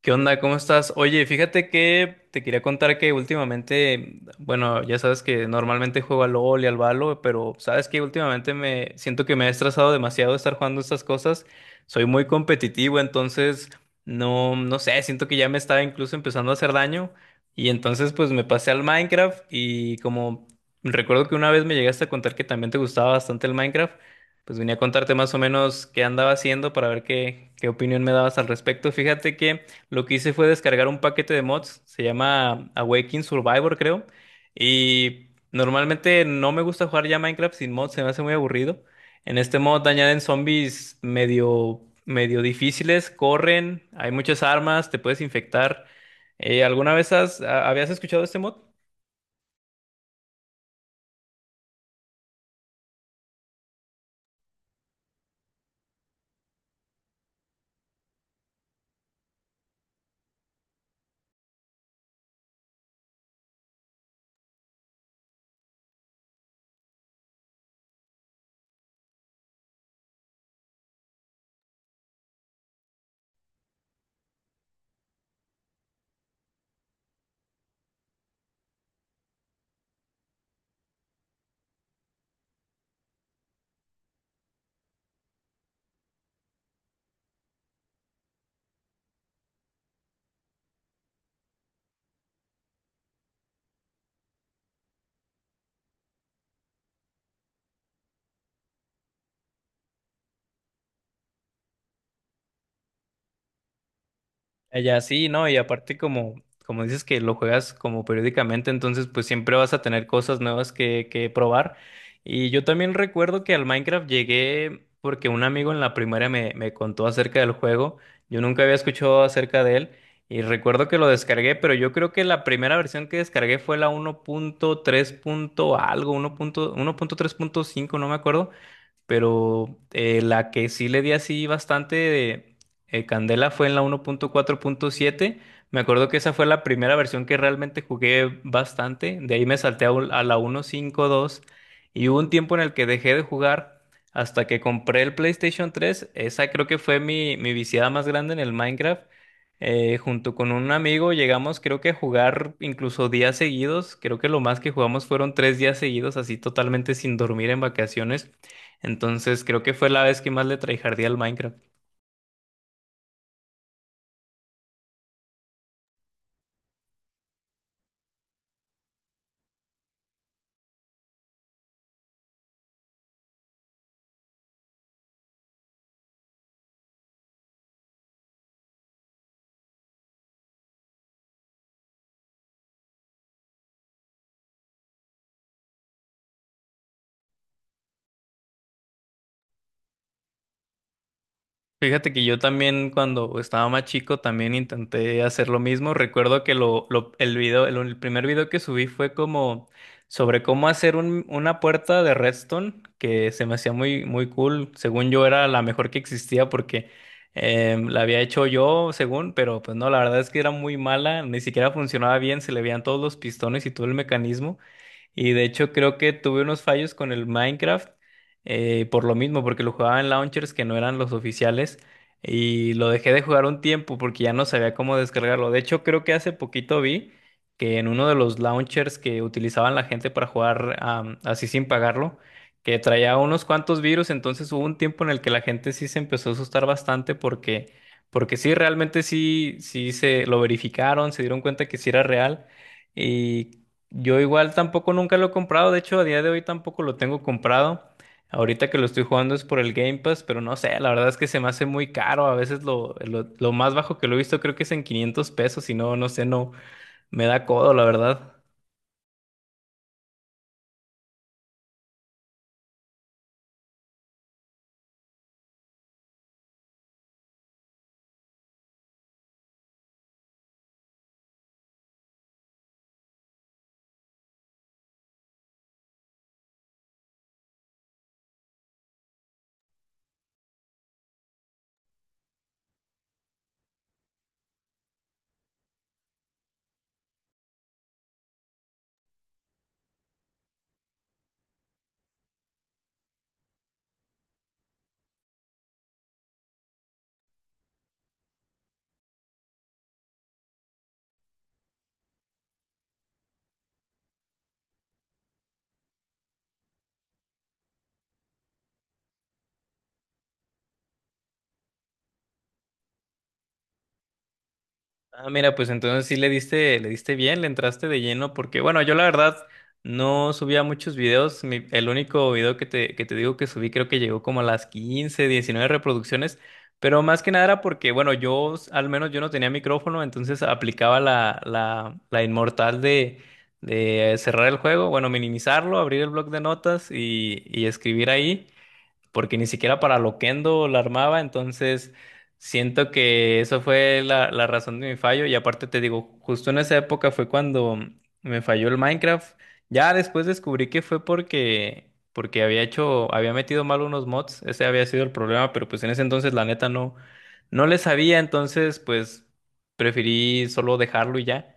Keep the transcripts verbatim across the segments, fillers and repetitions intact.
¿Qué onda? ¿Cómo estás? Oye, fíjate que te quería contar que últimamente, bueno, ya sabes que normalmente juego al LOL y al Valo, pero sabes que últimamente me siento que me he estresado demasiado estar jugando estas cosas. Soy muy competitivo, entonces no, no sé, siento que ya me estaba incluso empezando a hacer daño. Y entonces pues me pasé al Minecraft y como recuerdo que una vez me llegaste a contar que también te gustaba bastante el Minecraft, pues venía a contarte más o menos qué andaba haciendo para ver qué, qué opinión me dabas al respecto. Fíjate que lo que hice fue descargar un paquete de mods, se llama Awakening Survivor, creo. Y normalmente no me gusta jugar ya Minecraft sin mods, se me hace muy aburrido. En este mod añaden zombies medio, medio difíciles, corren, hay muchas armas, te puedes infectar. Eh, ¿alguna vez has- a- habías escuchado este mod? Allá sí, ¿no? Y aparte como, como dices que lo juegas como periódicamente, entonces pues siempre vas a tener cosas nuevas que, que probar. Y yo también recuerdo que al Minecraft llegué porque un amigo en la primaria me, me contó acerca del juego. Yo nunca había escuchado acerca de él y recuerdo que lo descargué, pero yo creo que la primera versión que descargué fue la uno punto tres punto algo, uno uno punto punto punto tres punto cinco no me acuerdo. Pero eh, la que sí le di así bastante de eh, candela fue en la uno punto cuatro punto siete. Me acuerdo que esa fue la primera versión que realmente jugué bastante. De ahí me salté a, un- a la uno punto cinco punto dos, y hubo un tiempo en el que dejé de jugar hasta que compré el PlayStation tres. Esa creo que fue mi, mi viciada más grande en el Minecraft. Eh, junto con un amigo llegamos creo que a jugar incluso días seguidos. Creo que lo más que jugamos fueron tres días seguidos así totalmente sin dormir en vacaciones. Entonces creo que fue la vez que más le tryhardé al Minecraft. Fíjate que yo también cuando estaba más chico también intenté hacer lo mismo. Recuerdo que lo, lo- el video, el, el primer video que subí fue como sobre cómo hacer un- una puerta de redstone que se me hacía muy, muy cool. Según yo era la mejor que existía porque eh, la había hecho yo, según, pero pues no, la verdad es que era muy mala, ni siquiera funcionaba bien, se le veían todos los pistones y todo el mecanismo. Y de hecho creo que tuve unos fallos con el Minecraft eh, por lo mismo, porque lo jugaba en launchers que no eran los oficiales y lo dejé de jugar un tiempo porque ya no sabía cómo descargarlo. De hecho, creo que hace poquito vi que en uno de los launchers que utilizaban la gente para jugar am, así sin pagarlo, que traía unos cuantos virus, entonces hubo un tiempo en el que la gente sí se empezó a asustar bastante porque, porque sí, realmente sí, sí se lo verificaron, se dieron cuenta que sí era real y yo igual tampoco nunca lo he comprado, de hecho a día de hoy tampoco lo tengo comprado. Ahorita que lo estoy jugando es por el Game Pass, pero no sé, la verdad es que se me hace muy caro. A veces lo, lo, lo más bajo que lo he visto creo que es en quinientos pesos y no, no sé, no me da codo, la verdad. Ah, mira, pues entonces sí le diste, le diste bien, le entraste de lleno, porque bueno, yo la verdad no subía muchos videos. mi- el único video que te, que te digo que subí creo que llegó como a las quince, diecinueve reproducciones, pero más que nada era porque, bueno, yo s- al menos yo no tenía micrófono, entonces aplicaba la, la, la inmortal de, de cerrar el juego, bueno, minimizarlo, abrir el bloc de notas y, y escribir ahí porque ni siquiera para Loquendo la armaba, entonces siento que eso fue la, la razón de mi fallo y aparte te digo, justo en esa época fue cuando me falló el Minecraft, ya después descubrí que fue porque, porque había hecho, había metido mal unos mods, ese había sido el problema, pero pues en ese entonces la neta no, no le sabía, entonces pues preferí solo dejarlo y ya.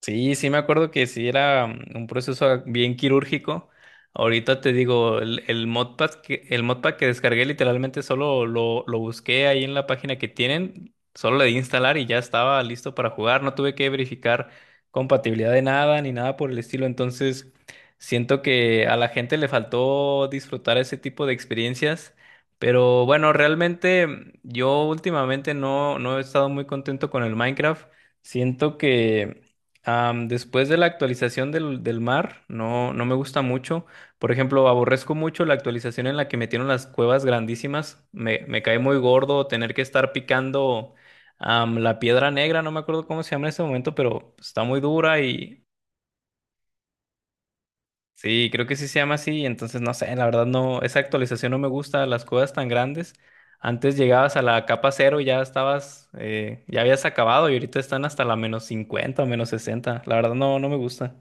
Sí, sí me acuerdo que sí era mm, un proceso bien quirúrgico. Ahorita te digo, el, el modpack que, el modpack que descargué literalmente solo lo, lo busqué ahí en la página que tienen, solo le di instalar y ya estaba listo para jugar. No tuve que verificar compatibilidad de nada ni nada por el estilo. Entonces, siento que a la gente le faltó disfrutar ese tipo de experiencias. Pero bueno, realmente mm, yo últimamente no, no he estado muy contento con el Minecraft. Siento que Am, después de la actualización del, del mar, no, no me gusta mucho. Por ejemplo, aborrezco mucho la actualización en la que metieron las cuevas grandísimas. Me, me cae muy gordo tener que estar picando am, la piedra negra, no me acuerdo cómo se llama en este momento, pero está muy dura y sí, creo que sí se llama así. Entonces, no sé, la verdad no, esa actualización no me gusta, las cuevas tan grandes. Antes llegabas a la capa cero y ya estabas, eh, ya habías acabado y ahorita están hasta la menos cincuenta o menos sesenta. La verdad no, no me gusta.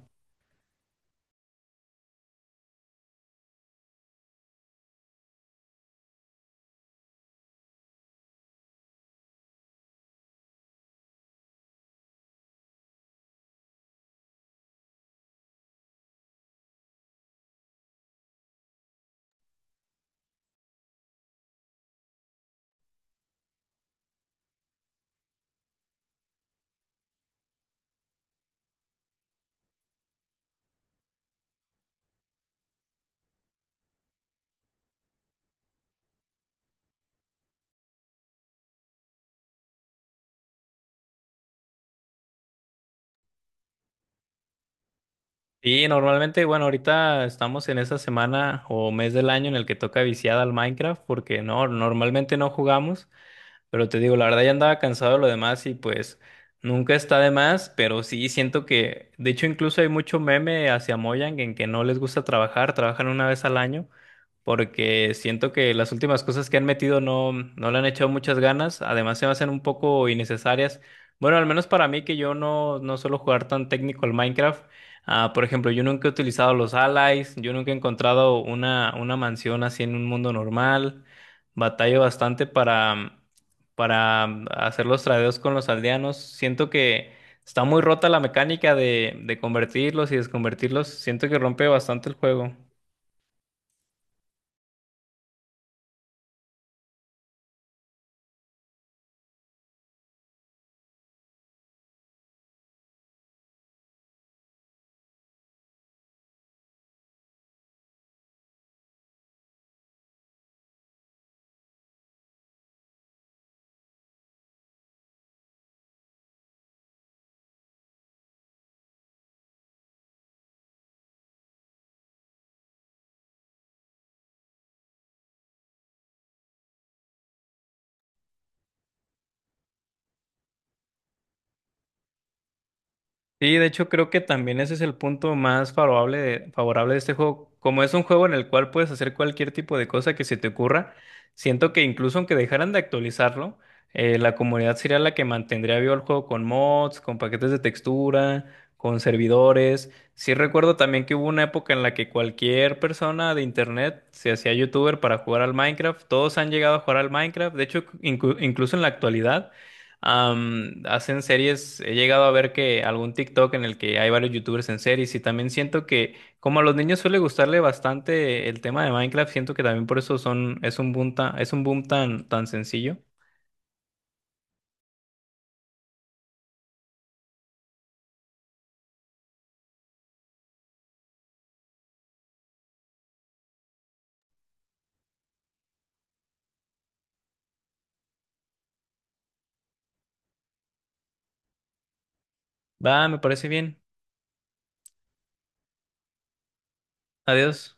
Y normalmente, bueno, ahorita estamos en esa semana o mes del año en el que toca viciada al Minecraft, porque no, normalmente no jugamos, pero te digo, la verdad ya andaba cansado de lo demás y pues nunca está de más, pero sí siento que, de hecho, incluso hay mucho meme hacia Mojang en que no les gusta trabajar, trabajan una vez al año porque siento que las últimas cosas que han metido no, no le han echado muchas ganas, además se me hacen un poco innecesarias. Bueno, al menos para mí que yo no, no suelo jugar tan técnico al Minecraft. Ah, por ejemplo, yo nunca he utilizado los allies, yo nunca he encontrado una, una mansión así en un mundo normal. Batallo bastante para, para hacer los tradeos con los aldeanos. Siento que está muy rota la mecánica de, de convertirlos y desconvertirlos. Siento que rompe bastante el juego. Sí, de hecho creo que también ese es el punto más favorable de, favorable de este juego. Como es un juego en el cual puedes hacer cualquier tipo de cosa que se te ocurra, siento que incluso aunque dejaran de actualizarlo, eh, la comunidad sería la que mantendría vivo el juego con mods, con paquetes de textura, con servidores. Sí recuerdo también que hubo una época en la que cualquier persona de internet se hacía youtuber para jugar al Minecraft. Todos han llegado a jugar al Minecraft. De hecho, inclu- incluso en la actualidad. Am, hacen series, he llegado a ver que algún TikTok en el que hay varios youtubers en series y también siento que como a los niños suele gustarle bastante el tema de Minecraft, siento que también por eso son, es un boom tan, es un boom tan, tan sencillo. Va, me parece bien. Adiós.